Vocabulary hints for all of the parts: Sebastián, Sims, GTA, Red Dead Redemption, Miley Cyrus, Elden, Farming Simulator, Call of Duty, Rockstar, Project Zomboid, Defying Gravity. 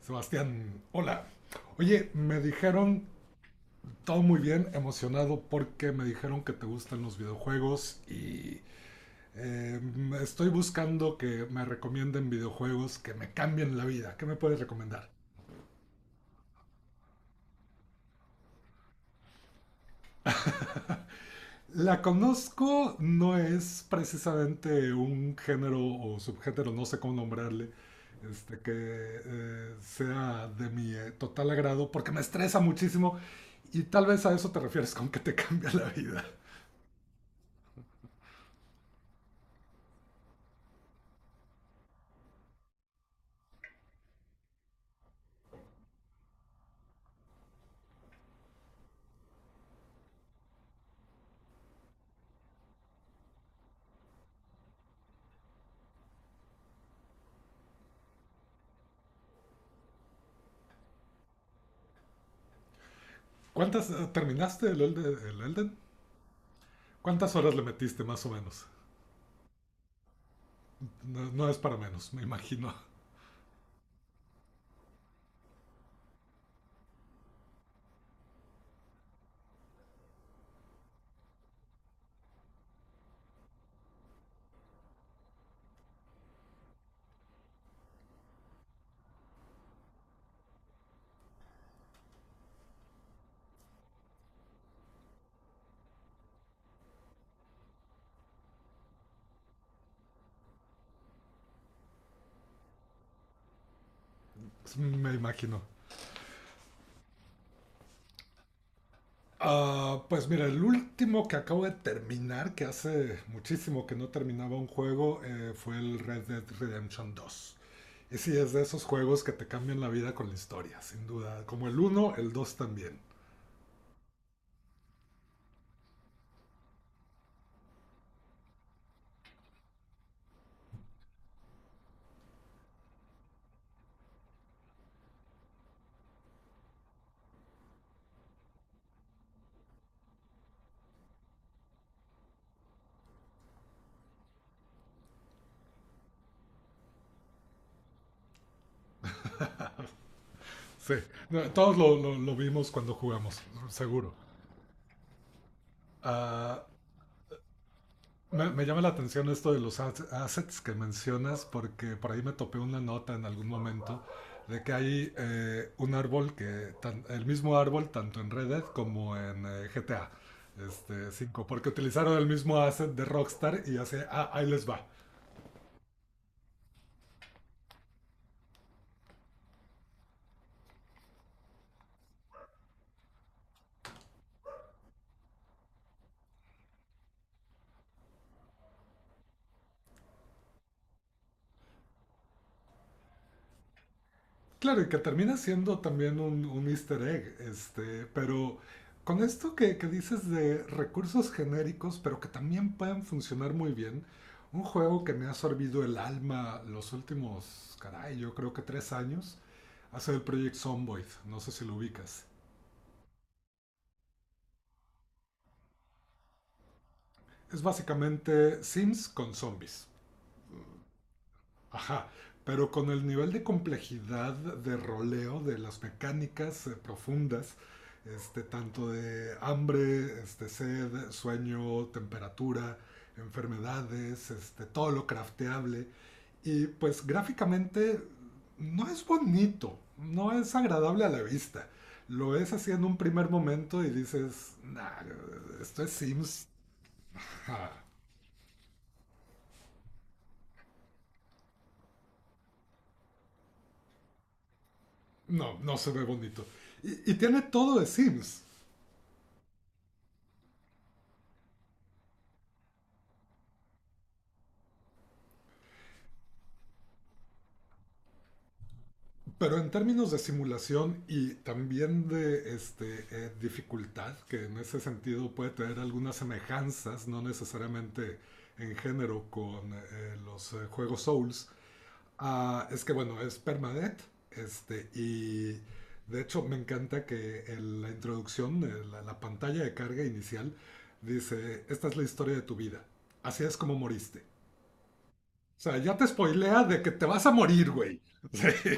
Sebastián, hola. Oye, me dijeron todo muy bien, emocionado porque me dijeron que te gustan los videojuegos y eh, estoy buscando que me recomienden videojuegos que me cambien la vida. ¿Qué me puedes recomendar? La conozco, no es precisamente un género o subgénero, no sé cómo nombrarle, que sea de mi total agrado porque me estresa muchísimo y tal vez a eso te refieres con que te cambia la vida. ¿Cuántas terminaste el Elden? ¿Cuántas horas le metiste más o menos? No, no es para menos, me imagino. Me imagino. Ah, pues mira, el último que acabo de terminar, que hace muchísimo que no terminaba un juego, fue el Red Dead Redemption dos. Y sí, es de esos juegos que te cambian la vida con la historia, sin duda. Como el uno, el dos también. Sí, no, todos lo vimos cuando jugamos, seguro. Ah, Me, me llama la atención esto de los assets que mencionas porque por ahí me topé una nota en algún momento de que hay un árbol que, el mismo árbol tanto en Red Dead como en GTA 5, porque utilizaron el mismo asset de Rockstar y hace, ah, ahí les va. Claro, y que termina siendo también un easter egg, pero con esto que dices de recursos genéricos, pero que también pueden funcionar muy bien, un juego que me ha sorbido el alma los últimos, caray, yo creo que 3 años, ha sido el Project Zomboid, no sé si lo ubicas. Es básicamente Sims con zombies. Ajá, pero con el nivel de complejidad de roleo, de las mecánicas profundas, tanto de hambre, sed, sueño, temperatura, enfermedades, todo lo crafteable. Y pues gráficamente no es bonito, no es agradable a la vista. Lo es así en un primer momento y dices, nah, esto es Sims. Ajá, no, no se ve bonito. Y tiene todo de Sims. Pero en términos de simulación y también de dificultad, que en ese sentido puede tener algunas semejanzas, no necesariamente en género con los juegos Souls, ah, es que bueno, es permadeath, y de hecho me encanta que en la introducción, la pantalla de carga inicial, dice, esta es la historia de tu vida, así es como moriste. O sea, ya te spoilea de que te vas a morir, güey. Sí.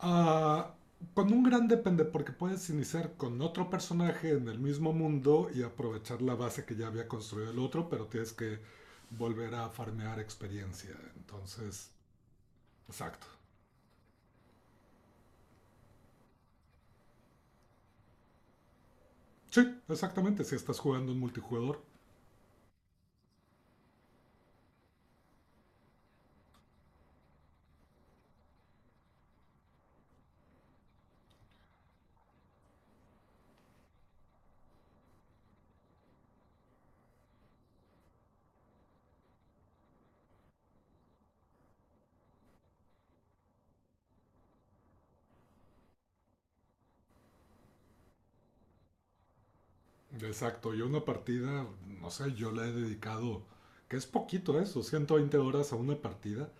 Ah, con un gran depende, porque puedes iniciar con otro personaje en el mismo mundo y aprovechar la base que ya había construido el otro, pero tienes que volver a farmear experiencia. Entonces, exacto. Sí, exactamente. Si estás jugando en multijugador, exacto. Yo una partida, no sé, yo le he dedicado, que es poquito eso, 120 horas a una partida.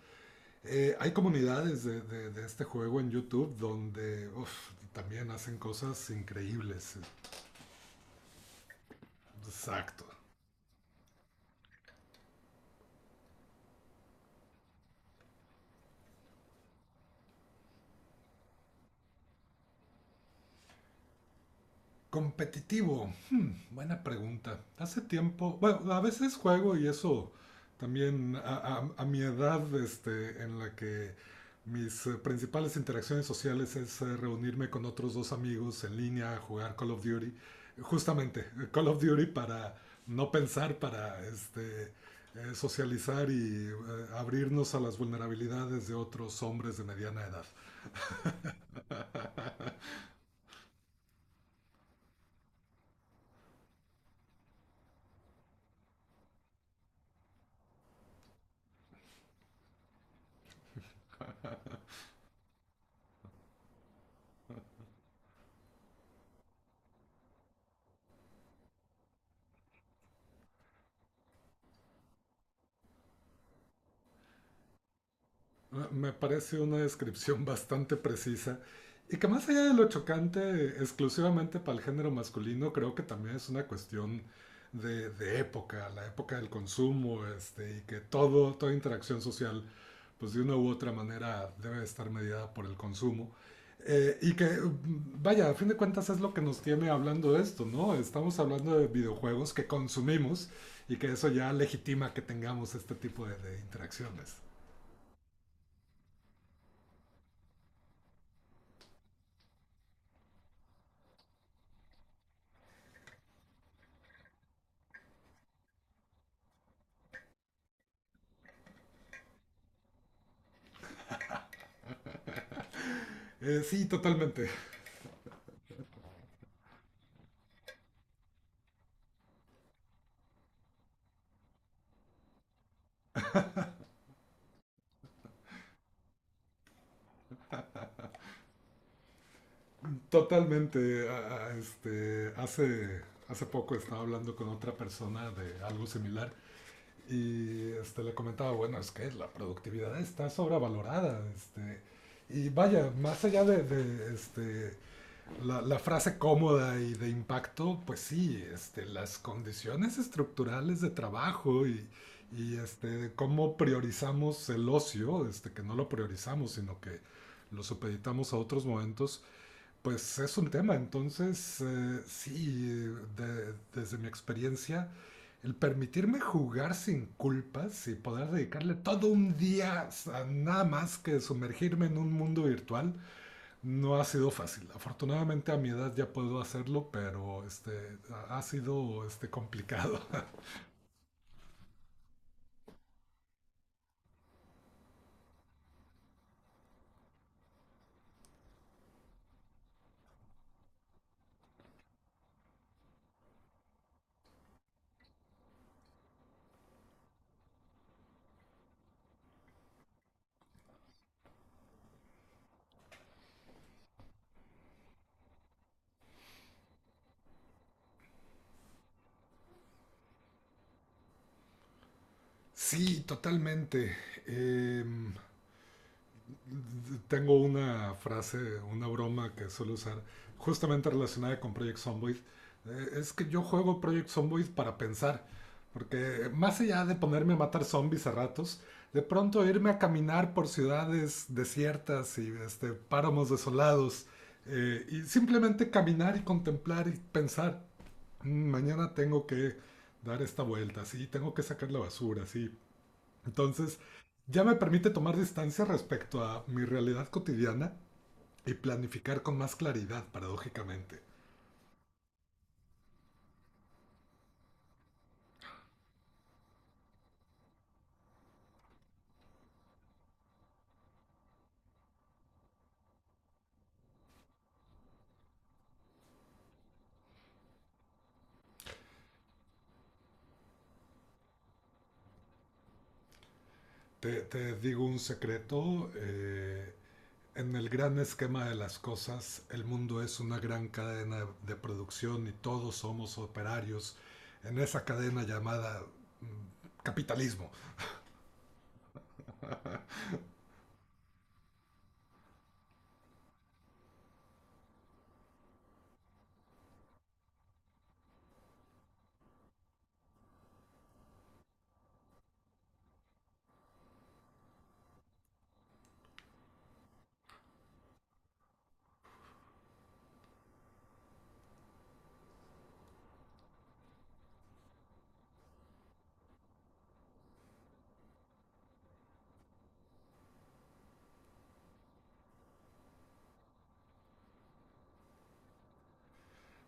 Hay comunidades de este juego en YouTube donde uf, también hacen cosas increíbles. Exacto. Competitivo. Buena pregunta. Hace tiempo, bueno, a veces juego y eso también a mi edad, en la que mis principales interacciones sociales es reunirme con otros dos amigos en línea a jugar Call of Duty. Justamente, Call of Duty para no pensar, para socializar y abrirnos a las vulnerabilidades de otros hombres de mediana edad. Ah, me parece una descripción bastante precisa y que más allá de lo chocante exclusivamente para el género masculino, creo que también es una cuestión de época, la época del consumo, y que toda interacción social, pues de una u otra manera debe estar mediada por el consumo. Eh, y que, vaya, a fin de cuentas es lo que nos tiene hablando de esto, ¿no? Estamos hablando de videojuegos que consumimos y que eso ya legitima que tengamos este tipo de interacciones. Sí, totalmente. Hace poco estaba hablando con otra persona de algo similar y le comentaba, bueno, es que la productividad está sobrevalorada. Y vaya, más allá de la frase cómoda y de impacto, pues sí, las condiciones estructurales de trabajo y cómo priorizamos el ocio, que no lo priorizamos, sino que lo supeditamos a otros momentos. Pues es un tema, entonces sí, desde mi experiencia, el permitirme jugar sin culpas y poder dedicarle todo un día a nada más que sumergirme en un mundo virtual no ha sido fácil. Afortunadamente a mi edad ya puedo hacerlo, pero este, ha ha sido complicado. Sí, totalmente. Em, Tengo una frase, una broma que suelo usar, justamente relacionada con Project Zomboid. Es que yo juego Project Zomboid para pensar. Porque más allá de ponerme a matar zombies a ratos, de pronto irme a caminar por ciudades desiertas y páramos desolados. Y simplemente caminar y contemplar y pensar, "Mm, mañana tengo que dar esta vuelta, sí, tengo que sacar la basura, sí". Entonces, ya me permite tomar distancia respecto a mi realidad cotidiana y planificar con más claridad, paradójicamente. Te digo un secreto, en el gran esquema de las cosas, el mundo es una gran cadena de producción y todos somos operarios en esa cadena llamada mm, capitalismo.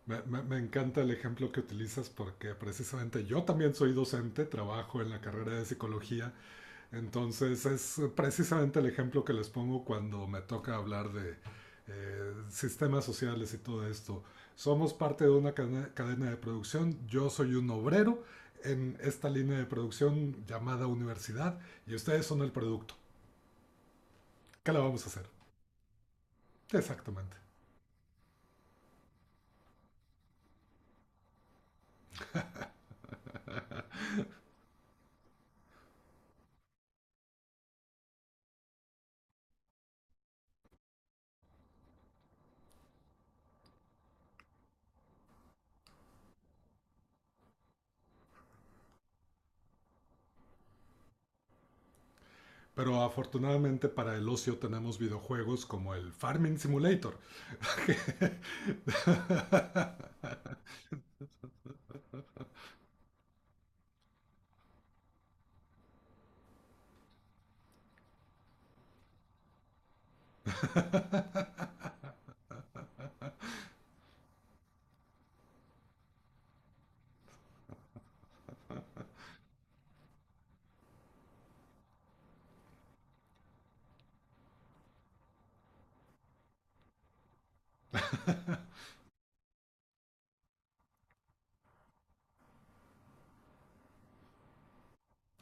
Me encanta el ejemplo que utilizas porque precisamente yo también soy docente, trabajo en la carrera de psicología. Entonces es precisamente el ejemplo que les pongo cuando me toca hablar de sistemas sociales y todo esto. Somos parte de una cadena, de producción, yo soy un obrero en esta línea de producción llamada universidad y ustedes son el producto. ¿Qué le vamos a hacer? Exactamente. Pero afortunadamente para el ocio tenemos videojuegos como el Farming Simulator.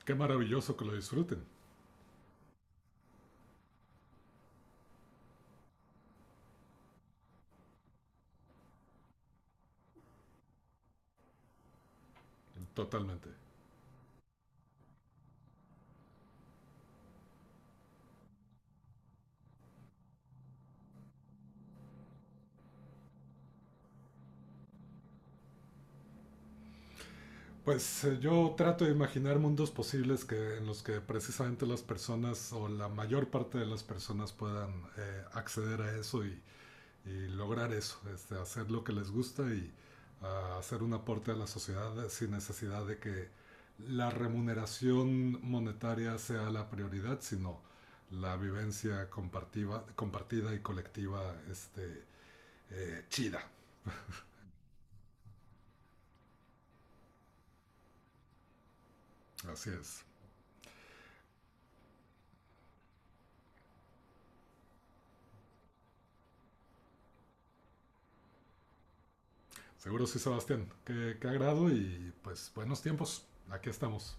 Qué maravilloso que lo disfruten. Totalmente. Pues yo trato de imaginar mundos posibles en los que precisamente las personas o la mayor parte de las personas puedan acceder a eso y lograr eso, hacer lo que les gusta y ah, hacer un aporte a la sociedad sin necesidad de que la remuneración monetaria sea la prioridad, sino la vivencia compartida y colectiva chida. Así es. Seguro sí, Sebastián. Qué agrado y pues buenos tiempos. Aquí estamos.